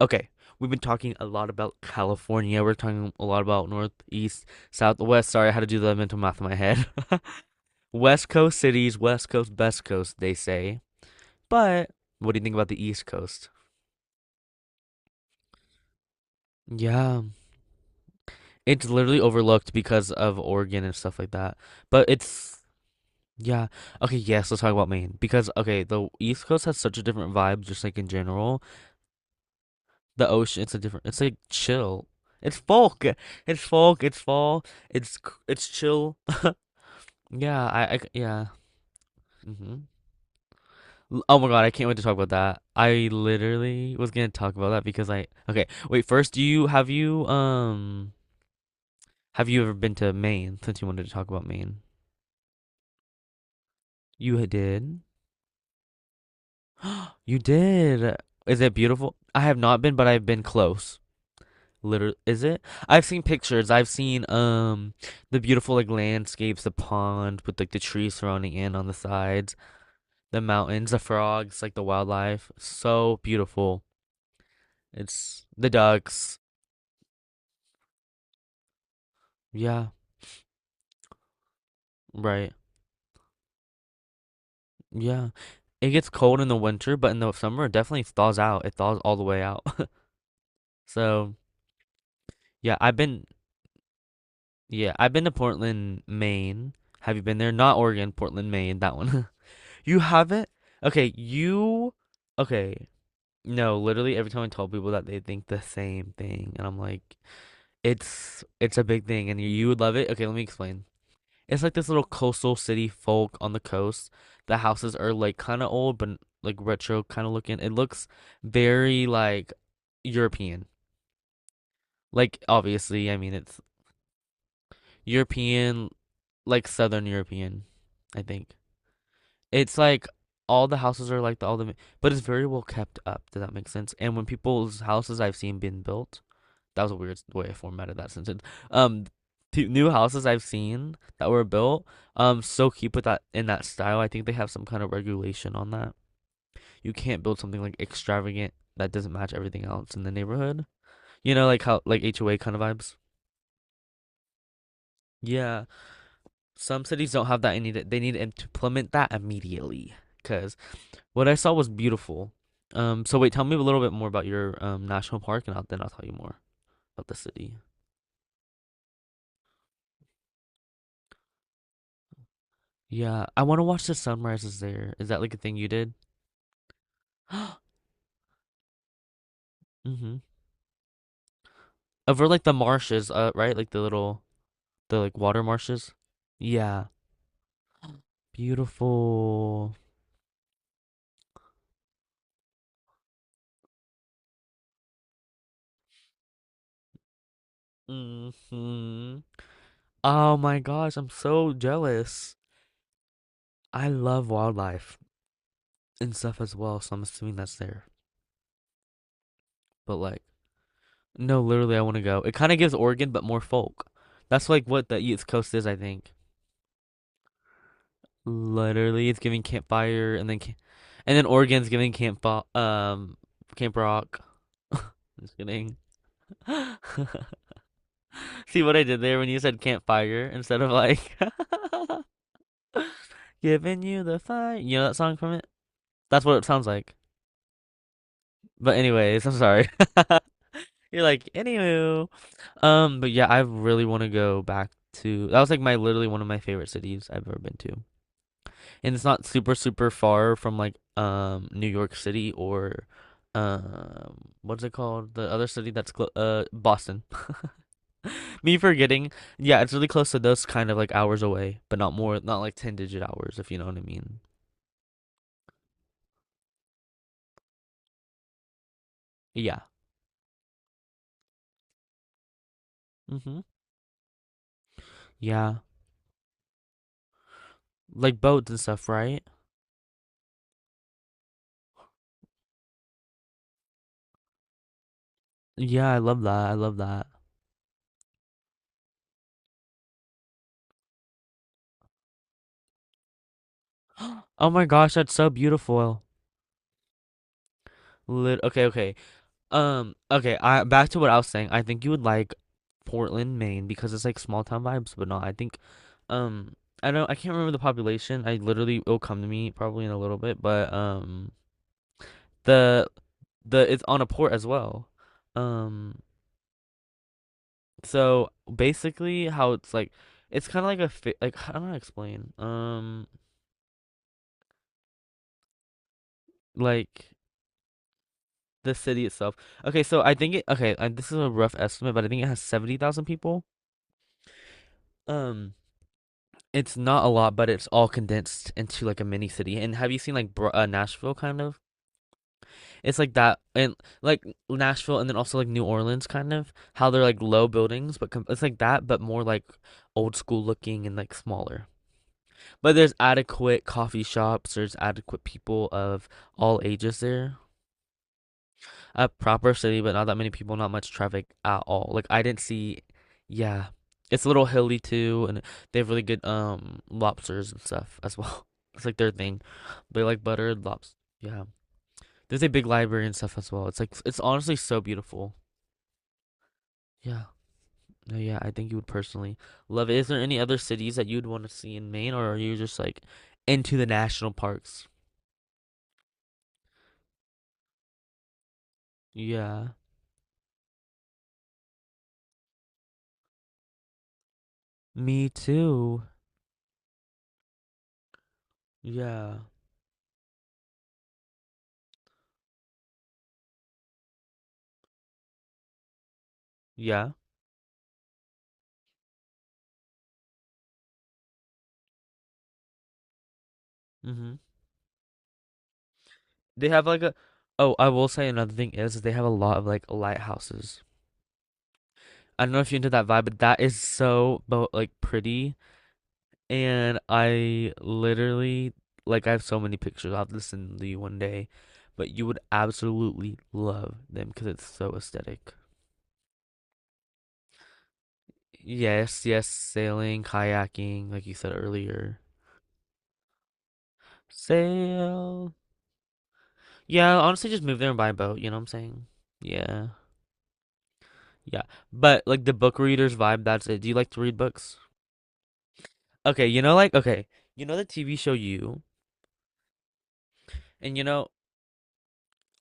Okay, we've been talking a lot about California. We're talking a lot about Northeast, south, west. Sorry, I had to do the mental math in my head. West Coast cities, West Coast, best coast, they say. But what do you think about the East Coast? Yeah, it's literally overlooked because of Oregon and stuff like that. But it's, yeah. Okay, yes, let's talk about Maine. Because, okay, the East Coast has such a different vibe, just like in general. The ocean, it's like chill. It's folk. It's folk. It's fall. It's it's chill. Yeah, yeah. Hmm. Oh my God, I can't wait to talk about that. I literally was gonna talk about that because okay, wait, first, do you, have you, have you ever been to Maine since you wanted to talk about Maine? Did? You did. Is it beautiful? I have not been, but I've been close. Literally, is it? I've seen pictures. I've seen, the beautiful, like, landscapes, the pond with, like, the trees surrounding it on the sides, the mountains, the frogs, like, the wildlife. So beautiful. It's the ducks. Yeah, right. Yeah. It gets cold in the winter, but in the summer it definitely thaws out. It thaws all the way out. So, yeah, I've been yeah, I've been to Portland, Maine. Have you been there? Not Oregon, Portland, Maine, that one. You haven't? Okay, you okay. No, literally every time I tell people that they think the same thing and I'm like, it's a big thing and you would love it. Okay, let me explain. It's like this little coastal city folk on the coast. The houses are like kind of old, but like retro kind of looking. It looks very like European. Like obviously, I mean it's European, like Southern European. I think it's like all the houses are like but it's very well kept up. Does that make sense? And when people's houses I've seen been built, that was a weird way I formatted that sentence. Um, Two new houses I've seen that were built. So keep with that in that style. I think they have some kind of regulation on that. You can't build something like extravagant that doesn't match everything else in the neighborhood. You know, like how like HOA kind of vibes. Yeah, some cities don't have that, and need it. They need to implement that immediately. Cause what I saw was beautiful. So wait, tell me a little bit more about your national park, and then I'll tell you more about the city. Yeah, I want to watch the sunrises there. Is that like a thing you did? Mm-hmm. Over like the marshes, right? Like the little, the like water marshes. Yeah, beautiful. Mm-hmm. Oh my gosh, I'm so jealous. I love wildlife and stuff as well, so I'm assuming that's there. But like, no, literally, I want to go. It kind of gives Oregon, but more folk. That's like what the East Coast is, I think. Literally, it's giving campfire, and then Oregon's giving Camp Rock. I'm Just kidding. See what I did there when you said campfire instead of like giving you the fire. You know that song from it? That's what it sounds like. But anyways, I'm sorry. You're like, anywho. But yeah, I really want to go back to. That was like my literally one of my favorite cities I've ever been to. And it's not super super far from like New York City or what's it called, the other city that's Boston. Me forgetting. Yeah, it's really close to those, kind of like hours away, but not like 10 digit hours, if you know what I mean. Yeah. Mhm. Yeah. Like boats and stuff, right? Yeah, I love that. I love that. Oh my gosh, that's so beautiful. Okay, okay. Okay, I back to what I was saying. I think you would like Portland, Maine because it's like small town vibes, but no, I think, um I can't remember the population. I literally It'll come to me probably in a little bit, but the the it's on a port as well. Um so basically, how it's like, it's kind of like like I don't know how to explain. Like the city itself. Okay, so I think, this is a rough estimate, but I think it has 70,000 people. Um It's not a lot, but it's all condensed into like a mini city. And have you seen like Nashville kind of? It's like that, and like Nashville, and then also like New Orleans kind of. How they're like low buildings, but it's like that, but more like old school looking and like smaller. But there's adequate coffee shops. There's adequate people of all ages there. A proper city, but not that many people, not much traffic at all. Like I didn't see, Yeah, it's a little hilly too, and they have really good lobsters and stuff as well. It's like their thing. They like buttered lobster. Yeah, there's a big library and stuff as well. It's like it's honestly so beautiful. Yeah, no, yeah, I think you would personally love it. Is there any other cities that you'd want to see in Maine, or are you just like into the national parks? Yeah, me too. Yeah, yeah. Mm-hmm. They have like a. Oh, I will say another thing is they have a lot of like lighthouses. I don't know if you're into that vibe, but that is so like pretty. And I literally, like, I have so many pictures. I'll have to send to you one day, but you would absolutely love them because it's so aesthetic. Yes, yes, sailing, kayaking, like you said earlier. Sail. Yeah, honestly, just move there and buy a boat. You know what I'm saying? Yeah, yeah. But like the book readers vibe, that's it. Do you like to read books? Okay, you know, like, okay, you know the TV show You, and you know,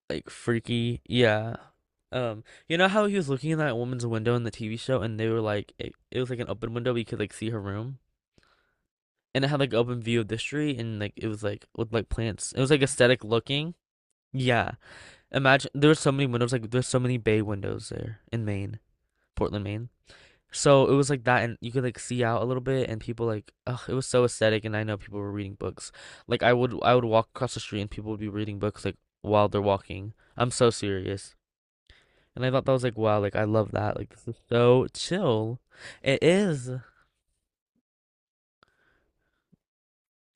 like, Freaky, yeah. Um, you know how he was looking in that woman's window in the TV show, and they were like, it was like an open window, but you could like see her room, and it had like open view of the street, and like it was like with like plants. It was like aesthetic looking. Yeah, imagine there were so many windows, like there's so many bay windows there in Maine, Portland, Maine. So it was like that, and you could like see out a little bit, and people like, ugh, it was so aesthetic. And I know people were reading books. Like I would walk across the street, and people would be reading books like while they're walking. I'm so serious, and I thought that was like, wow, like I love that. Like this is so chill. It is.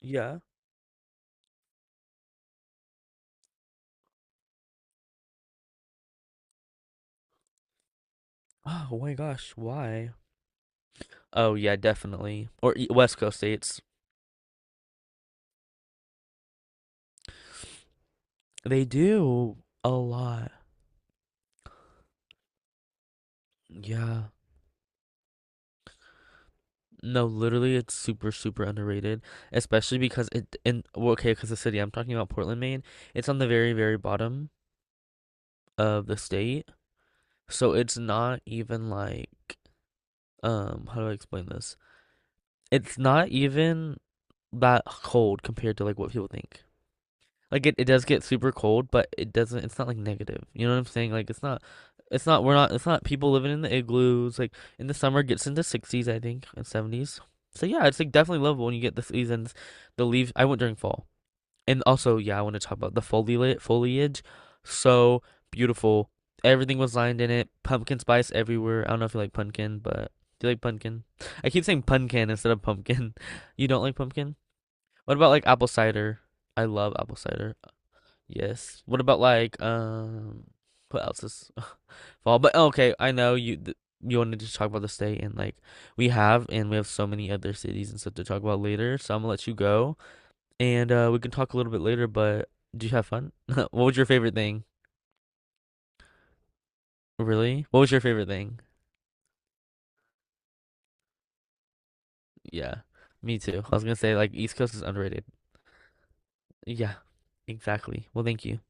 Yeah. Oh my gosh, why? Oh yeah, definitely. Or West Coast states, they do a lot. Yeah. No, literally, it's super, super underrated, especially because it in well, okay, because the city I'm talking about, Portland, Maine, it's on the very, very bottom of the state, so it's not even like, how do I explain this? It's not even that cold compared to like what people think. Like it does get super cold, but it's not like negative. You know what I'm saying? Like it's not we're not it's not people living in the igloos. Like in the summer it gets into sixties, I think, and seventies. So yeah, it's like definitely lovable when you get the seasons, the leaves. I went during fall. And also, yeah, I want to talk about the foliage. So beautiful. Everything was lined in it. Pumpkin spice everywhere. I don't know if you like pumpkin, but do you like pumpkin? I keep saying pumpkin instead of pumpkin. You don't like pumpkin? What about like apple cider? I love apple cider. Yes. What about like what else is fall? But okay, I know you wanted to talk about the state, and like we have so many other cities and stuff to talk about later. So I'm gonna let you go, and we can talk a little bit later, but do you have fun? What was your favorite thing? Really? What was your favorite thing? Yeah, me too. I was gonna say like East Coast is underrated. Yeah, exactly. Well, thank you.